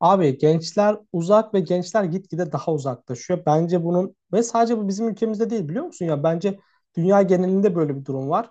Abi gençler uzak ve gençler gitgide daha uzaklaşıyor. Bence bunun ve sadece bu bizim ülkemizde değil, biliyor musun ya, bence dünya genelinde böyle bir durum var.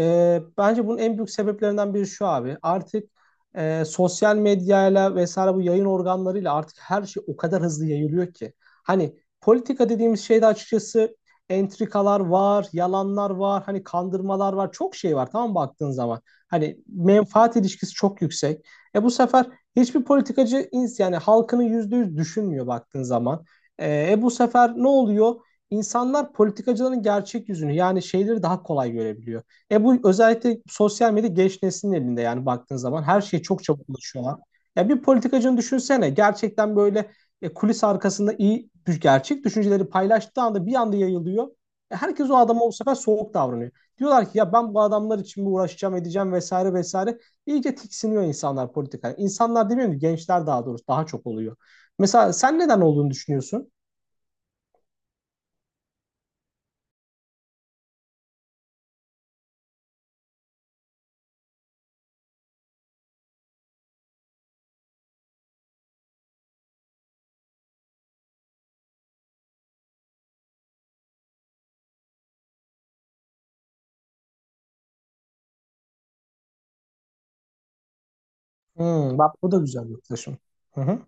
Bence bunun en büyük sebeplerinden biri şu abi. Artık sosyal medyayla vesaire bu yayın organlarıyla artık her şey o kadar hızlı yayılıyor ki. Hani politika dediğimiz şeyde açıkçası entrikalar var, yalanlar var, hani kandırmalar var. Çok şey var, tamam mı, baktığın zaman. Hani menfaat ilişkisi çok yüksek. Bu sefer hiçbir politikacı yani halkını %100 düşünmüyor baktığın zaman. Bu sefer ne oluyor? İnsanlar politikacıların gerçek yüzünü, yani şeyleri, daha kolay görebiliyor. Bu özellikle sosyal medya genç neslin elinde, yani baktığın zaman her şeye çok çabuk ulaşıyorlar. Ya bir politikacını düşünsene, gerçekten böyle kulis arkasında gerçek düşünceleri paylaştığı anda bir anda yayılıyor. Herkes o adama bu sefer soğuk davranıyor. Diyorlar ki ya ben bu adamlar için mi uğraşacağım edeceğim vesaire vesaire. İyice tiksiniyor insanlar politikaya. İnsanlar demiyorum ki, gençler daha doğrusu, daha çok oluyor. Mesela sen neden olduğunu düşünüyorsun? Bak bu da güzel bir yaklaşım. Hı hı.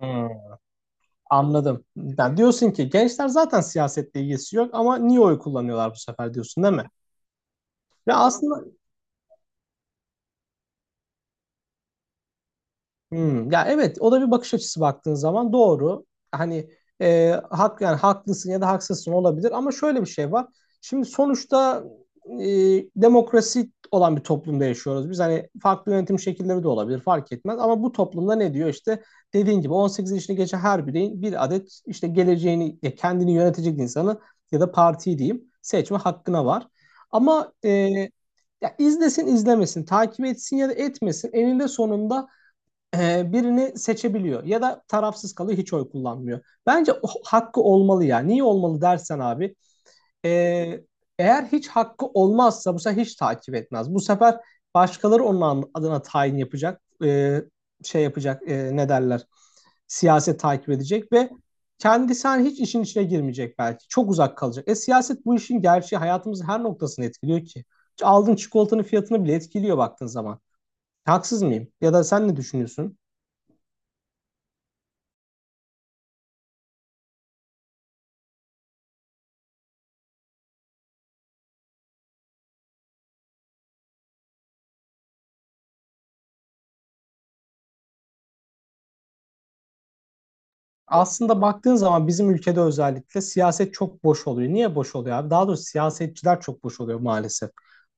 Hmm, anladım. Yani diyorsun ki gençler zaten siyasetle ilgisi yok ama niye oy kullanıyorlar bu sefer diyorsun, değil mi? Ve aslında ya, evet, o da bir bakış açısı baktığın zaman doğru. Hani e, hak yani haklısın ya da haksızsın olabilir, ama şöyle bir şey var. Şimdi sonuçta e, demokrasi olan bir toplumda yaşıyoruz. Biz hani farklı yönetim şekilleri de olabilir, fark etmez, ama bu toplumda ne diyor işte, dediğin gibi 18 yaşını geçen her bireyin bir adet işte geleceğini, kendini yönetecek insanı ya da partiyi diyeyim seçme hakkına var. Ama ya izlesin izlemesin, takip etsin ya da etmesin, eninde sonunda birini seçebiliyor ya da tarafsız kalıyor, hiç oy kullanmıyor. Bence hakkı olmalı ya. Niye olmalı dersen abi, e, eğer hiç hakkı olmazsa bu sefer hiç takip etmez. Bu sefer başkaları onun adına tayin yapacak, şey yapacak, ne derler, siyaset takip edecek ve kendisi hani hiç işin içine girmeyecek belki. Çok uzak kalacak. Siyaset bu işin gerçeği, hayatımızın her noktasını etkiliyor ki. Aldığın çikolatanın fiyatını bile etkiliyor baktığın zaman. Haksız mıyım? Ya da sen ne düşünüyorsun? Aslında baktığın zaman bizim ülkede özellikle siyaset çok boş oluyor. Niye boş oluyor abi? Daha doğrusu, siyasetçiler çok boş oluyor maalesef.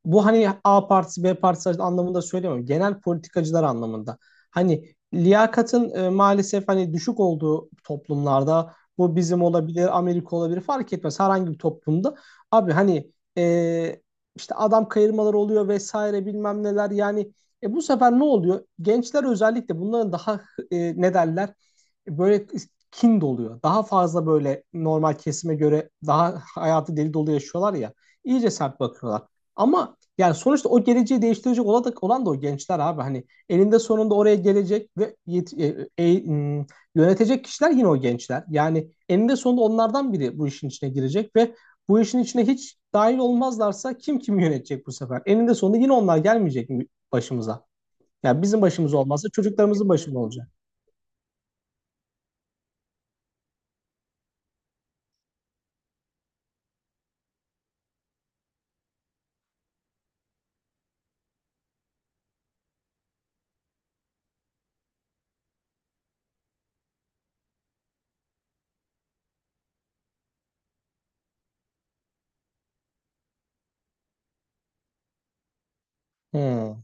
Bu hani A partisi, B partisi anlamında söylemiyorum. Genel politikacılar anlamında. Hani liyakatın maalesef hani düşük olduğu toplumlarda, bu bizim olabilir, Amerika olabilir, fark etmez herhangi bir toplumda. Abi hani e, işte adam kayırmaları oluyor vesaire bilmem neler, yani bu sefer ne oluyor? Gençler özellikle bunların daha ne derler? Böyle kin doluyor. Daha fazla böyle normal kesime göre daha hayatı deli dolu yaşıyorlar ya. İyice sert bakıyorlar. Ama yani sonuçta o geleceği değiştirecek olan da o gençler abi. Hani elinde sonunda oraya gelecek ve yönetecek kişiler yine o gençler. Yani eninde sonunda onlardan biri bu işin içine girecek ve bu işin içine hiç dahil olmazlarsa kim kimi yönetecek bu sefer? Eninde sonunda yine onlar gelmeyecek mi başımıza? Yani bizim başımız olmazsa çocuklarımızın başında olacak. Hmm.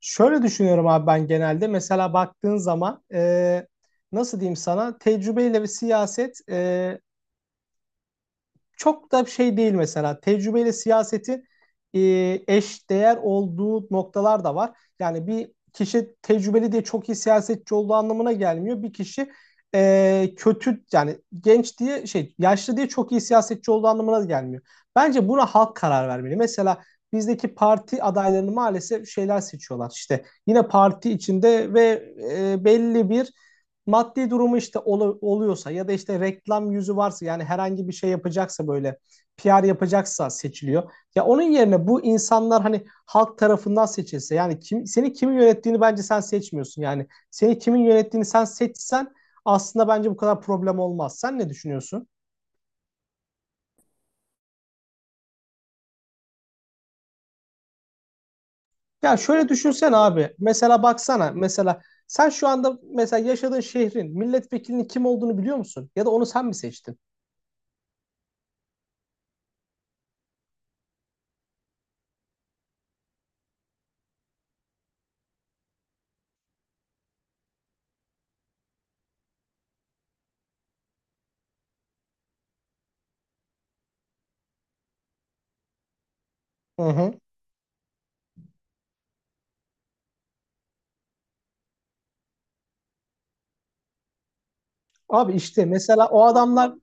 Şöyle düşünüyorum abi ben genelde. Mesela baktığın zaman nasıl diyeyim sana, tecrübeyle ve siyaset çok da şey değil mesela. Tecrübeyle siyasetin e, eş değer olduğu noktalar da var. Yani bir kişi tecrübeli diye çok iyi siyasetçi olduğu anlamına gelmiyor. Bir kişi e, kötü yani genç diye, şey yaşlı diye çok iyi siyasetçi olduğu anlamına da gelmiyor. Bence buna halk karar vermeli. Mesela bizdeki parti adaylarını maalesef şeyler seçiyorlar. İşte yine parti içinde ve belli bir maddi durumu işte oluyorsa, ya da işte reklam yüzü varsa, yani herhangi bir şey yapacaksa, böyle PR yapacaksa seçiliyor. Ya onun yerine bu insanlar hani halk tarafından seçilse, yani kim seni kimin yönettiğini bence sen seçmiyorsun. Yani seni kimin yönettiğini sen seçsen aslında bence bu kadar problem olmaz. Sen ne düşünüyorsun? Ya şöyle düşünsen abi. Mesela baksana. Mesela sen şu anda mesela yaşadığın şehrin milletvekilinin kim olduğunu biliyor musun? Ya da onu sen mi seçtin? Hı hı. Abi işte mesela o adamlar.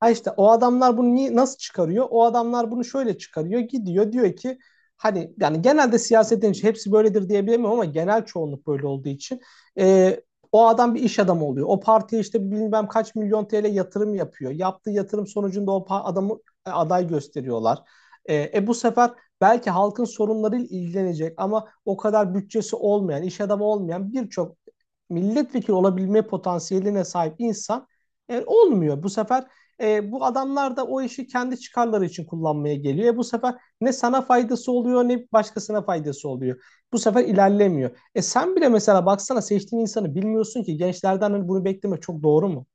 Ha, işte o adamlar bunu nasıl çıkarıyor? O adamlar bunu şöyle çıkarıyor. Gidiyor diyor ki, hani yani genelde siyaset deyince hepsi böyledir diyebilemiyorum, ama genel çoğunluk böyle olduğu için e, o adam bir iş adamı oluyor. O partiye işte bilmem kaç milyon TL yatırım yapıyor. Yaptığı yatırım sonucunda o adamı aday gösteriyorlar. Bu sefer belki halkın sorunlarıyla ilgilenecek, ama o kadar bütçesi olmayan, iş adamı olmayan birçok milletvekili olabilme potansiyeline sahip insan olmuyor. Bu sefer bu adamlar da o işi kendi çıkarları için kullanmaya geliyor. Bu sefer ne sana faydası oluyor, ne başkasına faydası oluyor. Bu sefer ilerlemiyor. Sen bile mesela baksana, seçtiğin insanı bilmiyorsun ki, gençlerden hani bunu bekleme çok doğru mu?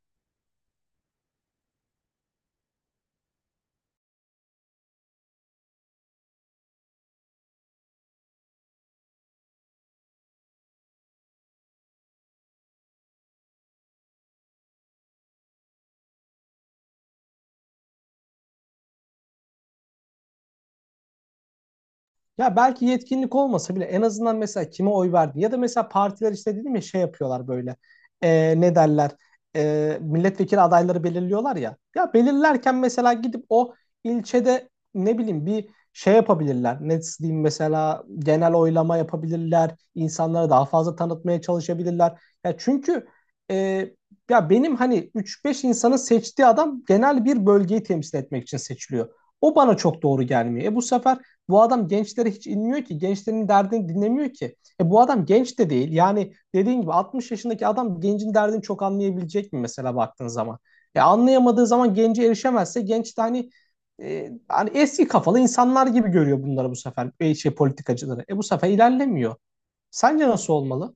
Ya belki yetkinlik olmasa bile en azından mesela kime oy verdi, ya da mesela partiler işte dedim ya şey yapıyorlar böyle, ne derler milletvekili adayları belirliyorlar ya. Ya belirlerken mesela gidip o ilçede ne bileyim bir şey yapabilirler, ne diyeyim mesela genel oylama yapabilirler, insanlara daha fazla tanıtmaya çalışabilirler ya, çünkü e, ya benim hani üç beş insanın seçtiği adam genel bir bölgeyi temsil etmek için seçiliyor, o bana çok doğru gelmiyor. Bu sefer bu adam gençlere hiç inmiyor ki. Gençlerin derdini dinlemiyor ki. Bu adam genç de değil. Yani dediğin gibi 60 yaşındaki adam gencin derdini çok anlayabilecek mi mesela baktığın zaman? Anlayamadığı zaman, gence erişemezse, genç de hani hani eski kafalı insanlar gibi görüyor bunları bu sefer, şey politikacıları. Bu sefer ilerlemiyor. Sence nasıl olmalı?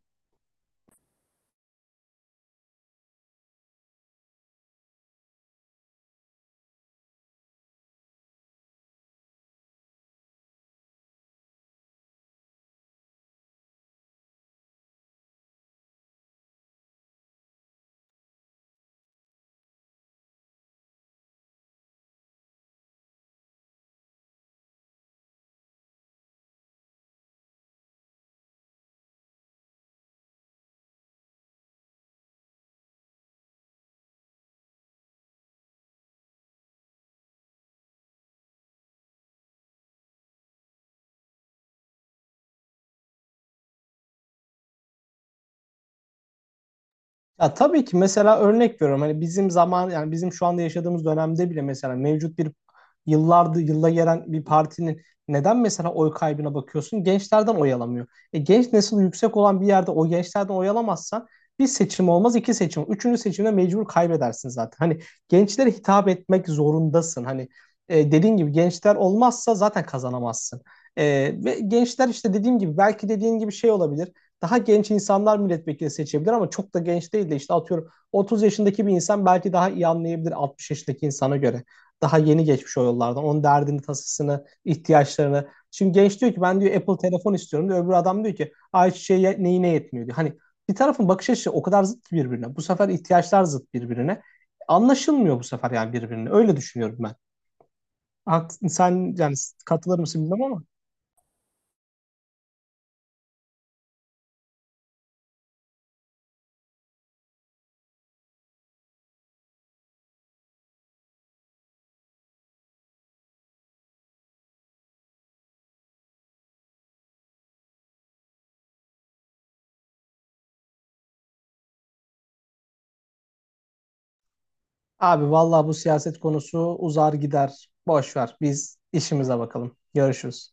Ya tabii ki mesela örnek veriyorum, hani bizim zaman, yani bizim şu anda yaşadığımız dönemde bile, mesela mevcut bir yıllardır yılla gelen bir partinin neden mesela oy kaybına bakıyorsun? Gençlerden oy alamıyor. Genç nesil yüksek olan bir yerde o gençlerden oy alamazsan bir seçim olmaz, iki seçim. Üçüncü seçimde mecbur kaybedersin zaten. Hani gençlere hitap etmek zorundasın. Hani dediğin gibi gençler olmazsa zaten kazanamazsın. E, ve gençler işte dediğim gibi, belki dediğin gibi şey olabilir, daha genç insanlar milletvekili seçebilir, ama çok da genç değil de işte atıyorum 30 yaşındaki bir insan belki daha iyi anlayabilir 60 yaşındaki insana göre. Daha yeni geçmiş o yollardan. Onun derdini, tasasını, ihtiyaçlarını. Şimdi genç diyor ki, ben diyor Apple telefon istiyorum diyor. Öbür adam diyor ki, ayçiçeği neyine yetmiyor diyor. Hani bir tarafın bakış açısı o kadar zıt ki birbirine. Bu sefer ihtiyaçlar zıt birbirine. Anlaşılmıyor bu sefer, yani birbirine. Öyle düşünüyorum ben. Sen yani katılır mısın bilmiyorum ama. Abi vallahi bu siyaset konusu uzar gider. Boş ver. Biz işimize bakalım. Görüşürüz.